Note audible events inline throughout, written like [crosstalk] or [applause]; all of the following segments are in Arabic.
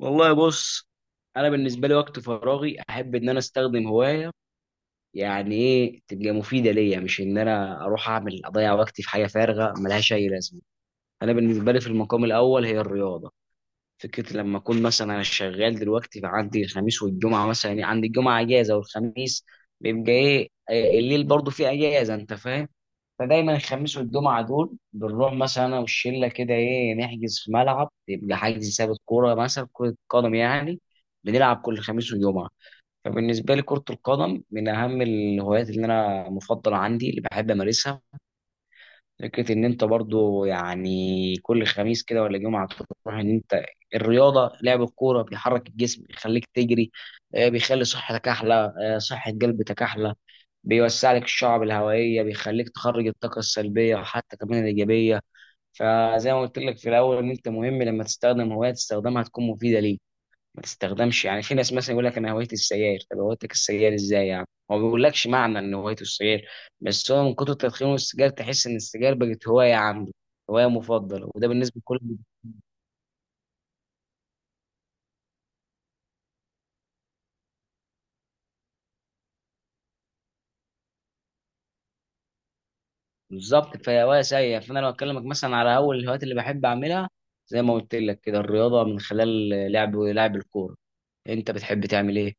والله بص. انا بالنسبه لي وقت فراغي احب ان انا استخدم هوايه يعني ايه تبقى مفيده ليا، مش ان انا اروح اعمل اضيع وقتي في حاجه فارغه ملهاش اي لازمه. انا بالنسبه لي في المقام الاول هي الرياضه. فكره لما اكون مثلا انا شغال دلوقتي، فعندي الخميس والجمعه مثلا، يعني عندي الجمعه اجازه والخميس بيبقى ايه، الليل برضو فيه اجازه، انت فاهم. فدايما الخميس والجمعة دول بنروح مثلا أنا والشلة كده، إيه، نحجز في ملعب، يبقى حجز ثابت كورة مثلا، كرة قدم يعني. بنلعب كل خميس وجمعة. فبالنسبة لي كرة القدم من أهم الهوايات اللي أنا مفضلة عندي، اللي بحب أمارسها. فكرة إن أنت برضو يعني كل خميس كده ولا جمعة تروح، إن أنت الرياضة لعب الكورة بيحرك الجسم، بيخليك تجري، بيخلي صحتك أحلى، صحة قلبك أحلى، بيوسع لك الشعب الهوائيه، بيخليك تخرج الطاقه السلبيه وحتى كمان الايجابيه. فزي ما قلت لك في الاول، ان انت مهم لما تستخدم هوايه تستخدمها تكون مفيده ليك. ما تستخدمش يعني، في ناس مثلا يقول لك انا هوايتي السجاير، طب هوايتك السجاير ازاي يعني؟ هو ما بيقولكش معنى ان هوايته السجاير، بس هو من كتر تدخينه السجاير تحس ان السجاير بقت هوايه عنده، هوايه مفضله، وده بالنسبه لكل. بالظبط، فهي هوايه سيئه. فانا لو اكلمك مثلا على اول الهوايات اللي بحب اعملها، زي ما قلت لك كده، الرياضه من خلال لعب الكوره. انت بتحب تعمل ايه؟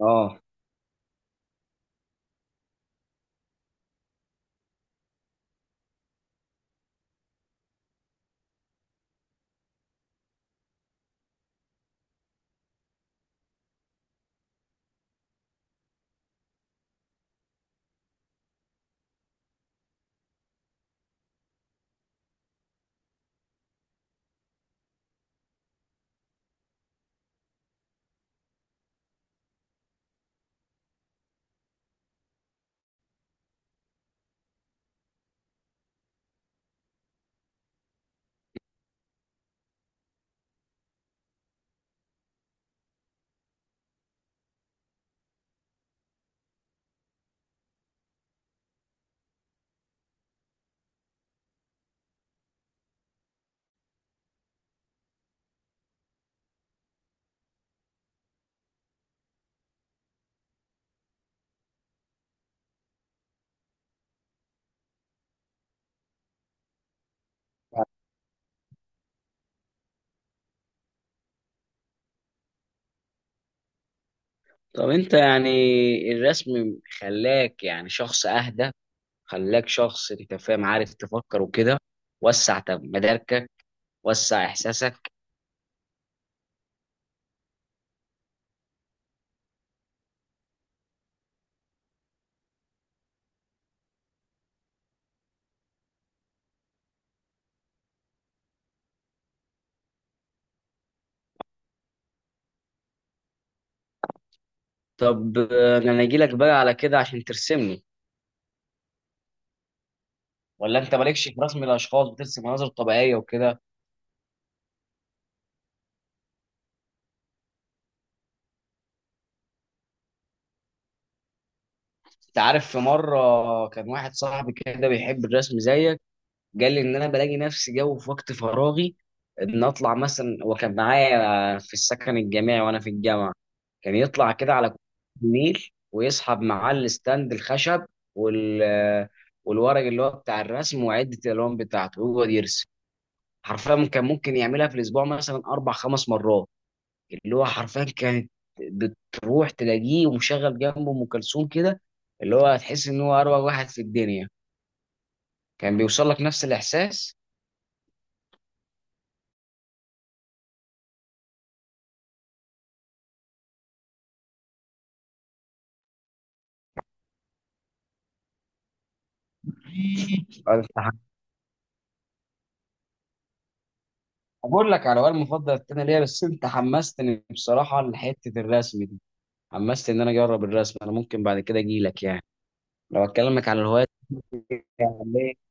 اه. طب انت يعني الرسم خلاك يعني شخص اهدى، خلاك شخص انت فاهم عارف تفكر وكده، وسع طب مداركك، وسع احساسك. طب، انا اجي لك بقى على كده عشان ترسمني؟ ولا انت مالكش في رسم الاشخاص، بترسم مناظر طبيعيه وكده؟ انت عارف في مره كان واحد صاحبي كده بيحب الرسم زيك. قال لي ان انا بلاقي نفسي جو في وقت فراغي ان اطلع مثلا. هو كان معايا في السكن الجامعي وانا في الجامعه. كان يطلع كده على كوبري النيل ويسحب معاه الستاند الخشب وال والورق اللي هو بتاع الرسم، وعده الالوان بتاعته ويقعد يرسم. حرفيا كان ممكن يعملها في الاسبوع مثلا اربع خمس مرات. اللي هو حرفيا كانت بتروح تلاقيه ومشغل جنبه ام كلثوم كده، اللي هو هتحس ان هو اروع واحد في الدنيا. كان بيوصل لك نفس الاحساس. أنا بقول لك على هو المفضل التاني ليا، بس انت حمستني بصراحه لحته الرسم دي. حمستني ان انا اجرب الرسم. انا ممكن بعد كده اجي لك يعني. لو اكلمك على التانية-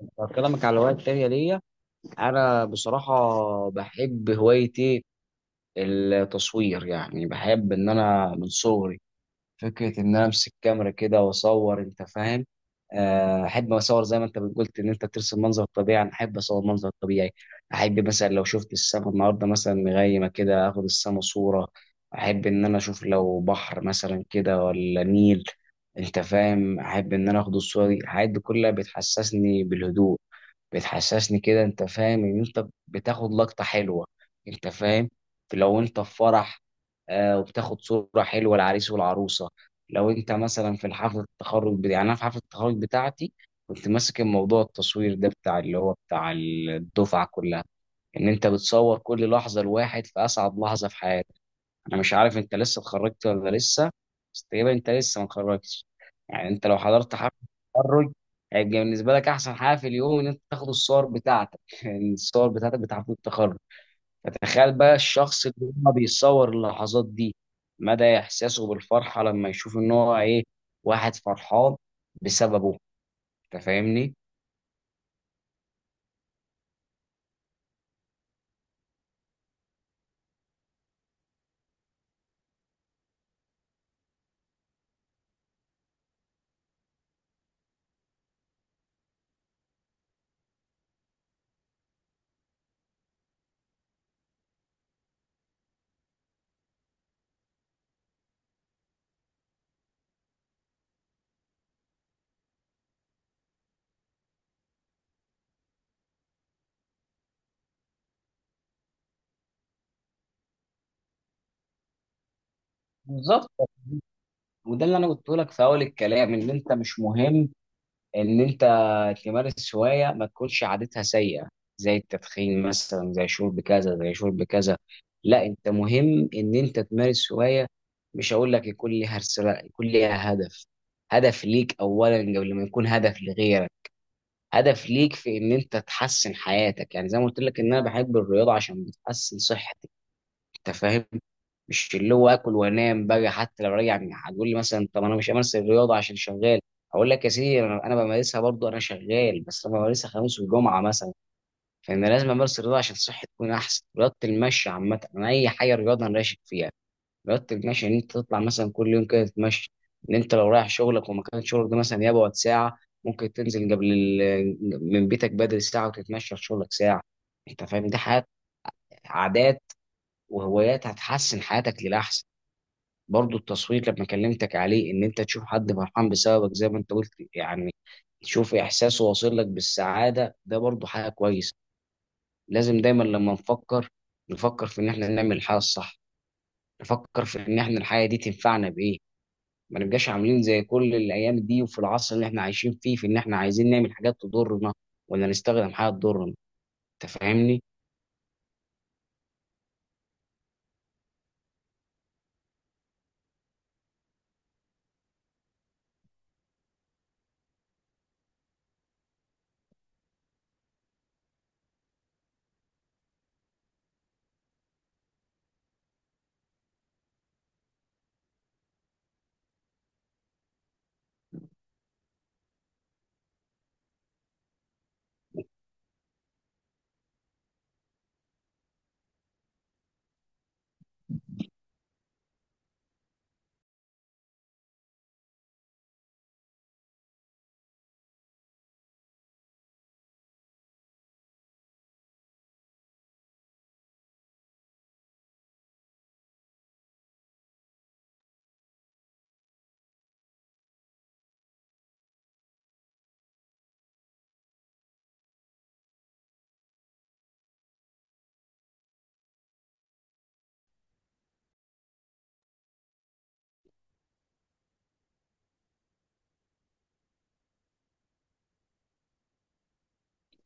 لو اكلمك على الهوايات التانية ليا، انا بصراحه بحب هوايه ايه، التصوير. يعني بحب ان انا من صغري فكرة إن أنا أمسك كاميرا كده وأصور، أنت فاهم. أحب أصور زي ما أنت قلت إن أنت ترسم منظر طبيعي، أنا أحب أصور منظر طبيعي. أحب مثلا لو شفت السما النهاردة مثلا مغيمة كده، آخد السما صورة. أحب إن أنا أشوف لو بحر مثلا كده ولا نيل، أنت فاهم، أحب إن أنا آخد الصورة دي. الحاجات دي كلها بتحسسني بالهدوء، بتحسسني كده انت فاهم ان انت بتاخد لقطة حلوة، انت فاهم. لو انت في فرح وبتاخد صورة حلوة العريس والعروسة. لو انت مثلا في حفلة التخرج بتاعتي، يعني انا في حفلة التخرج بتاعتي كنت ماسك الموضوع التصوير ده بتاع اللي هو بتاع الدفعة كلها. ان انت بتصور كل لحظة الواحد في اسعد لحظة في حياته. انا مش عارف انت لسه اتخرجت ولا لسه، بس تقريبا انت لسه ما اتخرجتش. يعني انت لو حضرت حفله التخرج هيبقى بالنسبه لك احسن حاجه في اليوم ان انت تاخد الصور بتاعتك [laughs] يعني الصور بتاعتك بتاع حفله التخرج. فتخيل بقى الشخص اللي هو بيصور اللحظات دي، مدى احساسه بالفرحه لما يشوف ان هو ايه، واحد فرحان بسببه، انت فاهمني؟ بالظبط، وده اللي انا قلت لك في اول الكلام، ان انت مش مهم ان انت تمارس هوايه ما تكونش عادتها سيئه، زي التدخين مثلا، زي شرب كذا، زي شرب كذا. لا انت مهم ان انت تمارس هوايه، مش هقول لك يكون ليها رساله، يكون ليها هدف. هدف ليك اولا قبل ما يكون هدف لغيرك. هدف ليك في ان انت تحسن حياتك. يعني زي ما قلت لك، ان انا بحب الرياضه عشان بتحسن صحتك، انت فاهم، مش اللي هو اكل وانام بقى. حتى لو راجع هتقول لي مثلا طب انا مش همارس الرياضه عشان شغال، اقول لك يا سيدي انا بمارسها برضه. انا شغال بس انا بمارسها خميس وجمعه مثلا. فانا لازم امارس الرياضه عشان صحتي تكون احسن. رياضه المشي عامه، انا اي حاجه رياضه انا راشد فيها. رياضه المشي ان انت تطلع مثلا كل يوم كده تتمشى. ان انت لو رايح شغلك ومكان شغلك ده مثلا يبعد ساعه، ممكن تنزل قبل من بيتك بدري ساعه وتتمشى لشغلك ساعه. انت فاهم، دي حاجات، عادات وهوايات هتحسن حياتك للاحسن. برضو التصوير لما كلمتك عليه، ان انت تشوف حد فرحان بسببك زي ما انت قلت يعني، تشوف احساسه واصل لك بالسعاده، ده برضو حاجه كويسه. لازم دايما لما نفكر، نفكر في ان احنا نعمل الحاجه الصح، نفكر في ان احنا الحاجه دي تنفعنا بايه. ما نبقاش عاملين زي كل الايام دي وفي العصر اللي احنا عايشين فيه في ان احنا عايزين نعمل حاجات تضرنا، ولا نستخدم حاجه تضرنا، انت فاهمني؟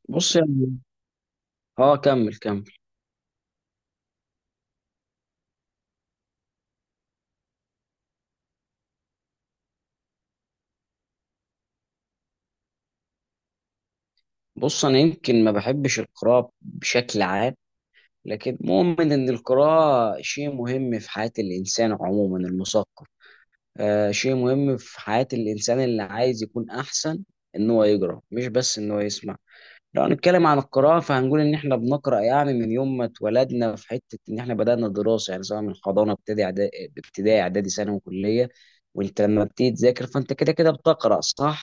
بص يعني، اه، كمل كمل. بص انا يمكن ما بحبش القراءه بشكل عام، لكن مؤمن ان القراءة شيء مهم في حياة الانسان عموما المثقف. آه، شيء مهم في حياة الانسان اللي عايز يكون احسن ان هو يقرا مش بس ان هو يسمع. لو هنتكلم عن القراءة فهنقول إن إحنا بنقرأ يعني من يوم ما اتولدنا، في حتة إن إحنا بدأنا الدراسة، يعني سواء من حضانة، ابتدائي، ابتدائي إعدادي ثانوي وكلية. وأنت لما بتيجي تذاكر فأنت كده كده بتقرأ، صح؟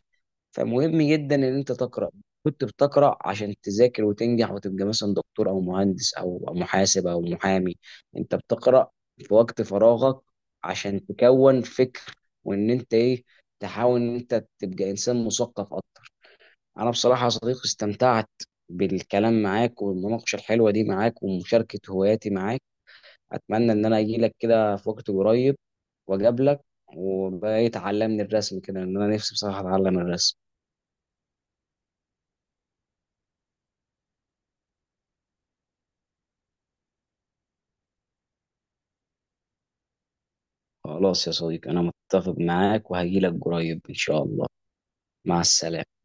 فمهم جدا إن أنت تقرأ. كنت بتقرأ عشان تذاكر وتنجح وتبقى مثلا دكتور أو مهندس أو محاسب أو محامي. أنت بتقرأ في وقت فراغك عشان تكون فكر، وإن أنت إيه، تحاول إن أنت تبقى إنسان مثقف أكتر. انا بصراحه يا صديقي استمتعت بالكلام معاك والمناقشه الحلوه دي معاك ومشاركه هواياتي معاك. اتمنى ان انا اجي لك كده في وقت قريب واقابلك، وبقى تعلمني الرسم كده، ان انا نفسي بصراحه اتعلم الرسم. خلاص يا صديقي، انا متفق معاك وهجي لك قريب ان شاء الله. مع السلامه.